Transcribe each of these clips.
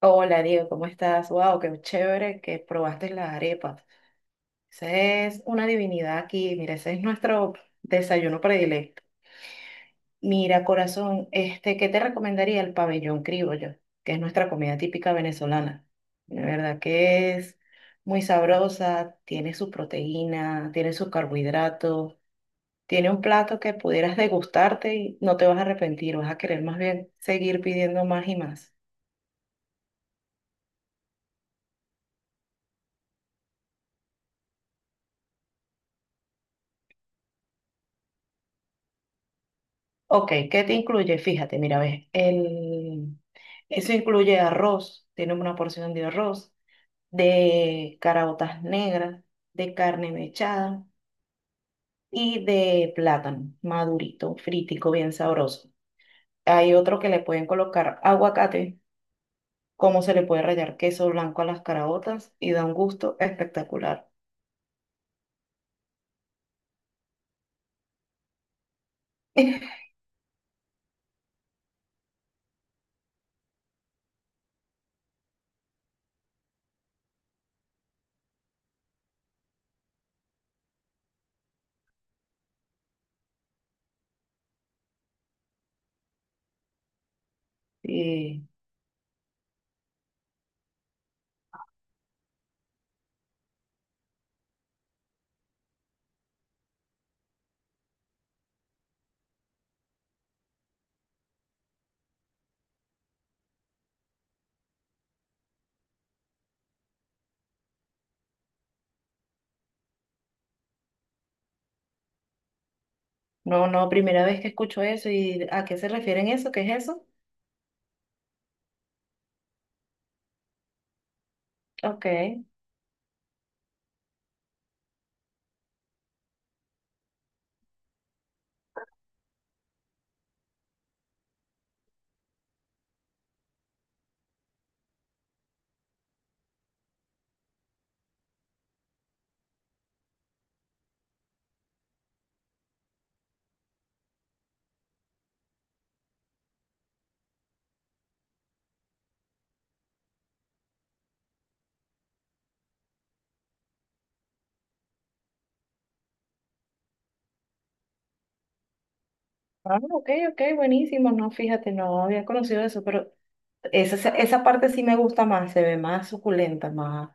Hola Diego, ¿cómo estás? Wow, qué chévere que probaste las arepas. Esa es una divinidad aquí. Mira, ese es nuestro desayuno predilecto. Mira, corazón, ¿qué te recomendaría el pabellón criollo, que es nuestra comida típica venezolana? De verdad que es muy sabrosa, tiene su proteína, tiene sus carbohidratos, tiene un plato que pudieras degustarte y no te vas a arrepentir, vas a querer más bien seguir pidiendo más y más. Ok, ¿qué te incluye? Fíjate, mira, ves, eso incluye arroz, tiene una porción de arroz, de caraotas negras, de carne mechada y de plátano madurito, fritico, bien sabroso. Hay otro que le pueden colocar aguacate, como se le puede rallar queso blanco a las caraotas y da un gusto espectacular. Sí, no, no, primera vez que escucho eso y ¿a qué se refieren eso? ¿Qué es eso? Ok. Ah, ok, ok, buenísimo. No, fíjate, no había conocido eso, pero esa parte sí me gusta más, se ve más suculenta, más,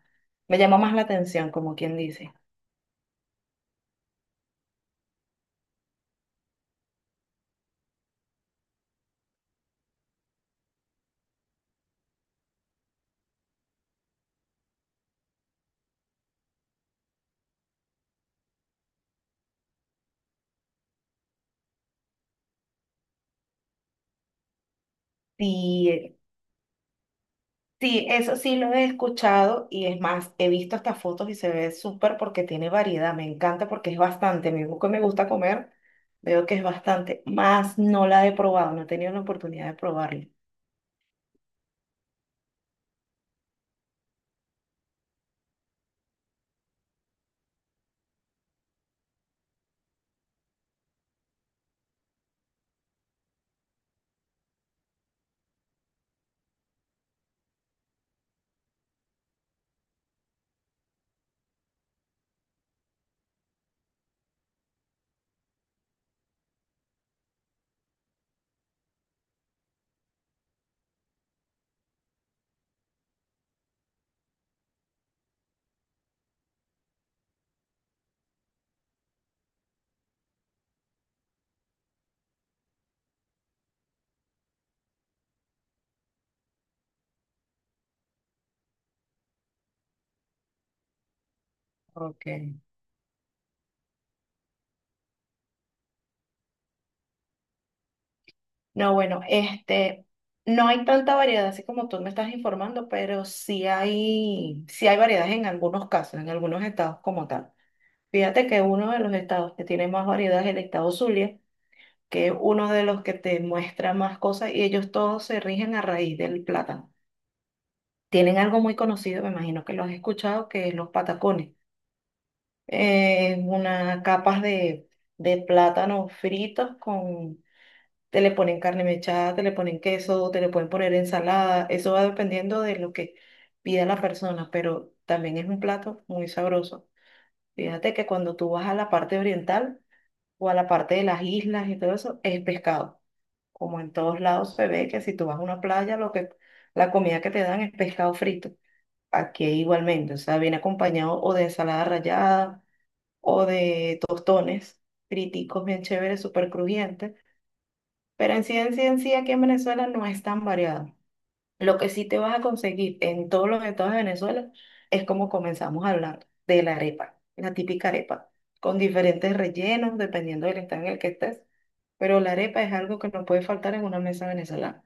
me llama más la atención, como quien dice. Sí, sí, eso sí lo he escuchado y es más, he visto hasta fotos y se ve súper porque tiene variedad, me encanta porque es bastante, mismo que me gusta comer, veo que es bastante, más no la he probado, no he tenido la oportunidad de probarla. Ok. No, bueno, no hay tanta variedad así como tú me estás informando, pero sí hay variedad en algunos casos, en algunos estados como tal. Fíjate que uno de los estados que tiene más variedad es el estado Zulia, que es uno de los que te muestra más cosas y ellos todos se rigen a raíz del plátano. Tienen algo muy conocido, me imagino que lo has escuchado, que es los patacones. Una capas de plátano fritos te le ponen carne mechada, te le ponen queso, te le pueden poner ensalada, eso va dependiendo de lo que pida la persona, pero también es un plato muy sabroso. Fíjate que cuando tú vas a la parte oriental o a la parte de las islas y todo eso, es pescado. Como en todos lados se ve que si tú vas a una playa, lo que la comida que te dan es pescado frito. Aquí igualmente, o sea, viene acompañado o de ensalada rallada o de tostones friticos bien chéveres, súper crujientes pero en sí, en sí, en sí, aquí en Venezuela no es tan variado. Lo que sí te vas a conseguir en todos los estados de Venezuela es como comenzamos a hablar de la arepa, la típica arepa, con diferentes rellenos dependiendo del estado en el que estés. Pero la arepa es algo que no puede faltar en una mesa venezolana.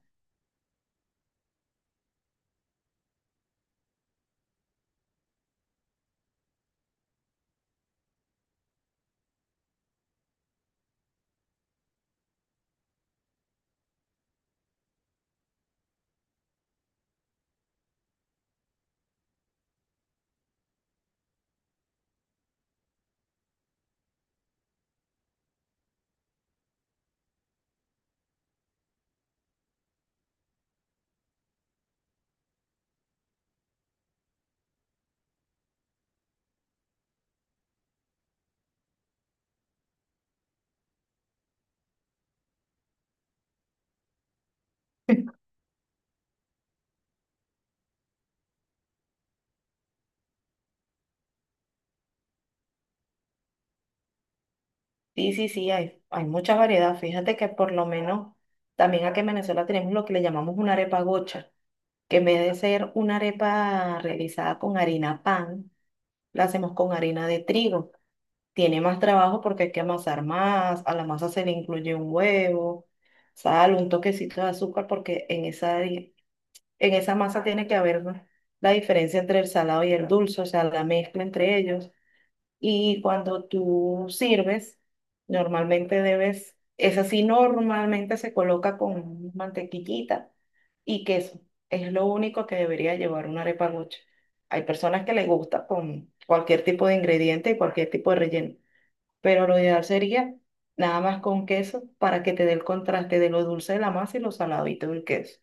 Sí, sí, sí, hay mucha variedad. Fíjate que por lo menos también aquí en Venezuela tenemos lo que le llamamos una arepa gocha, que en vez de ser una arepa realizada con harina pan, la hacemos con harina de trigo. Tiene más trabajo porque hay que amasar más, a la masa se le incluye un huevo, sal, un toquecito de azúcar porque en esa masa tiene que haber la diferencia entre el salado y el dulce, o sea, la mezcla entre ellos. Y cuando tú sirves, normalmente debes, esa sí normalmente se coloca con mantequillita y queso. Es lo único que debería llevar una arepa gocha. Hay personas que les gusta con cualquier tipo de ingrediente y cualquier tipo de relleno pero lo ideal sería nada más con queso para que te dé el contraste de lo dulce de la masa y lo saladito del queso.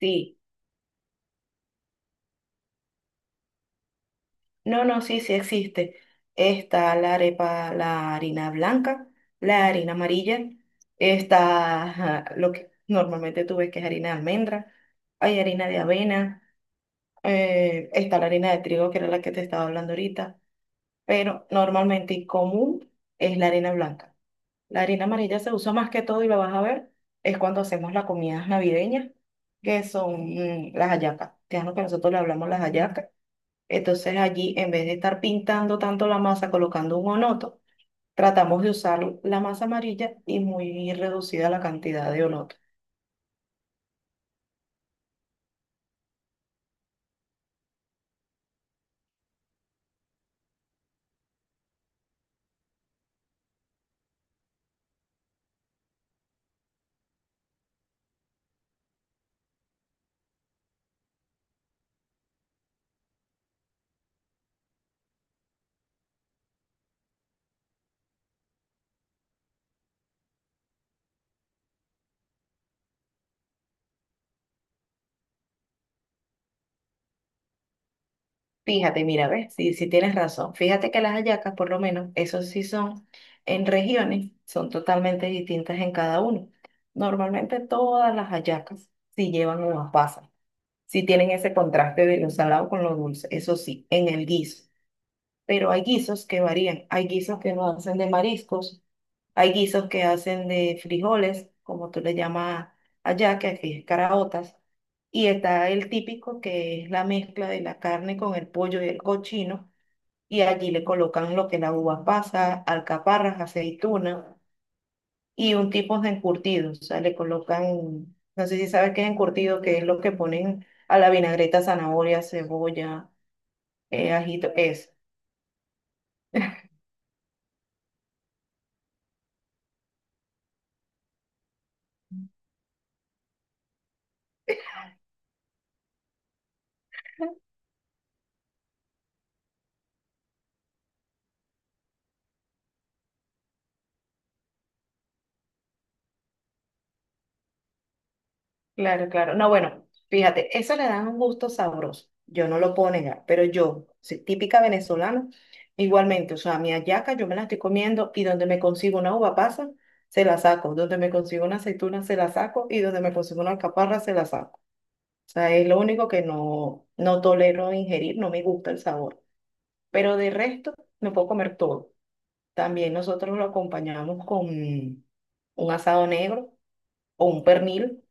Sí, no, no, sí, sí existe. Está la arepa, la harina blanca, la harina amarilla, está ajá, lo que normalmente tú ves que es harina de almendra, hay harina de avena, está la harina de trigo, que era la que te estaba hablando ahorita, pero normalmente y común es la harina blanca. La harina amarilla se usa más que todo y lo vas a ver, es cuando hacemos las comidas navideñas, que son las hallacas. Te que nosotros le hablamos las hallacas. Entonces allí, en vez de estar pintando tanto la masa, colocando un onoto, tratamos de usar la masa amarilla y muy reducida la cantidad de onoto. Fíjate, mira, ves, sí, sí tienes razón. Fíjate que las hallacas, por lo menos, eso sí son en regiones, son totalmente distintas en cada uno. Normalmente todas las hallacas sí llevan unas pasas. Sí tienen ese contraste de lo salado con lo dulce, eso sí, en el guiso. Pero hay guisos que varían, hay guisos que no hacen de mariscos, hay guisos que hacen de frijoles, como tú le llamas allá, que aquí es caraotas, y está el típico que es la mezcla de la carne con el pollo y el cochino, y allí le colocan lo que es la uva pasa, alcaparras, aceituna y un tipo de encurtido, o sea, le colocan, no sé si sabes qué es encurtido, que es lo que ponen a la vinagreta, zanahoria, cebolla, ajito, eso. Claro, claro. No, bueno, fíjate, eso le da un gusto sabroso. Yo no lo puedo negar, pero yo, soy típica venezolana, igualmente, o sea, mi hallaca yo me la estoy comiendo y donde me consigo una uva pasa, se la saco, donde me consigo una aceituna, se la saco y donde me consigo una alcaparra, se la saco. O sea, es lo único que no tolero ingerir, no me gusta el sabor. Pero de resto, me puedo comer todo. También nosotros lo acompañamos con un asado negro o un pernil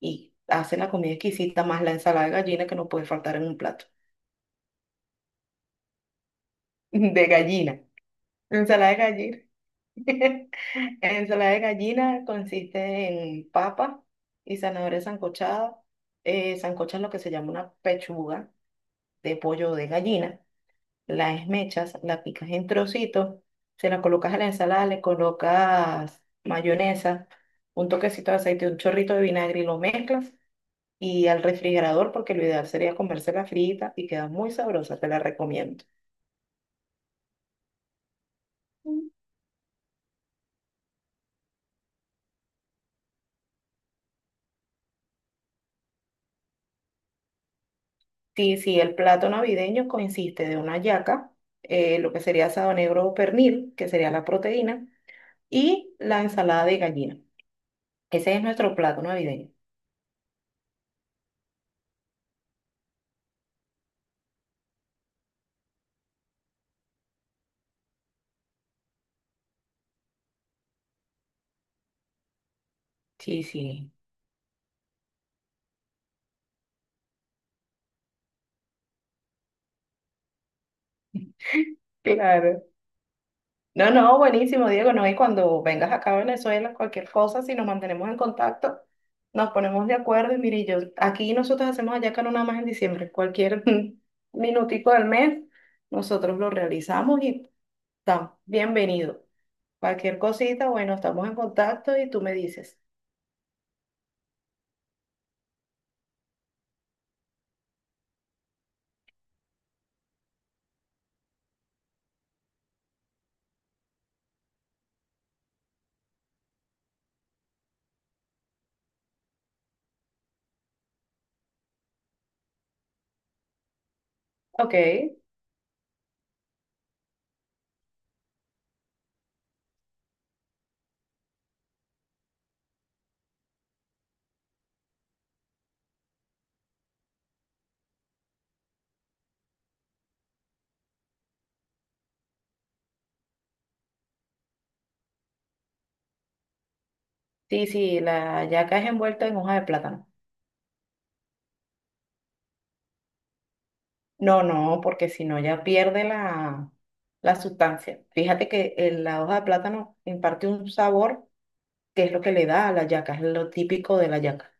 y hacen la comida exquisita más la ensalada de gallina que no puede faltar en un plato. De gallina. Ensalada de gallina. Ensalada de gallina consiste en papa y zanahoria sancochada. Sancocha es lo que se llama una pechuga de pollo de gallina la esmechas, la picas en trocitos, se la colocas a la ensalada, le colocas mayonesa, un toquecito de aceite, un chorrito de vinagre y lo mezclas y al refrigerador porque lo ideal sería comérsela frita y queda muy sabrosa, te la recomiendo. Mm. Sí, sí, el plato navideño consiste de una yaca, lo que sería asado negro o pernil, que sería la proteína, y la ensalada de gallina. Ese es nuestro plato navideño. Sí, sí. Claro. No, no, buenísimo, Diego. No, y cuando vengas acá a Venezuela, cualquier cosa, si nos mantenemos en contacto, nos ponemos de acuerdo. Y mire, yo aquí nosotros hacemos hallaca no nada más en diciembre, cualquier minutico del mes, nosotros lo realizamos y está bienvenido. Cualquier cosita, bueno, estamos en contacto y tú me dices, ok, sí, sí, la hallaca es envuelta en hoja de plátano. No, no, porque si no ya pierde la sustancia. Fíjate que la hoja de plátano imparte un sabor, que es lo que le da a la yaca, es lo típico de la yaca.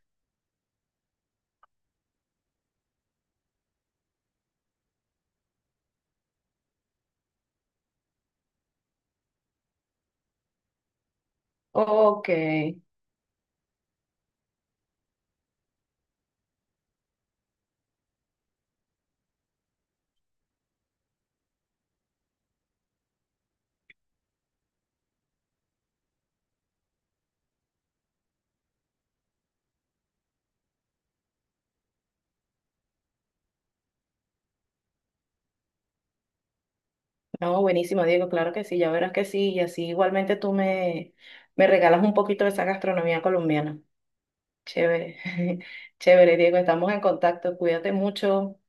Ok. No, buenísimo, Diego, claro que sí, ya verás que sí, y así igualmente tú me regalas un poquito de esa gastronomía colombiana. Chévere, chévere, Diego, estamos en contacto, cuídate mucho.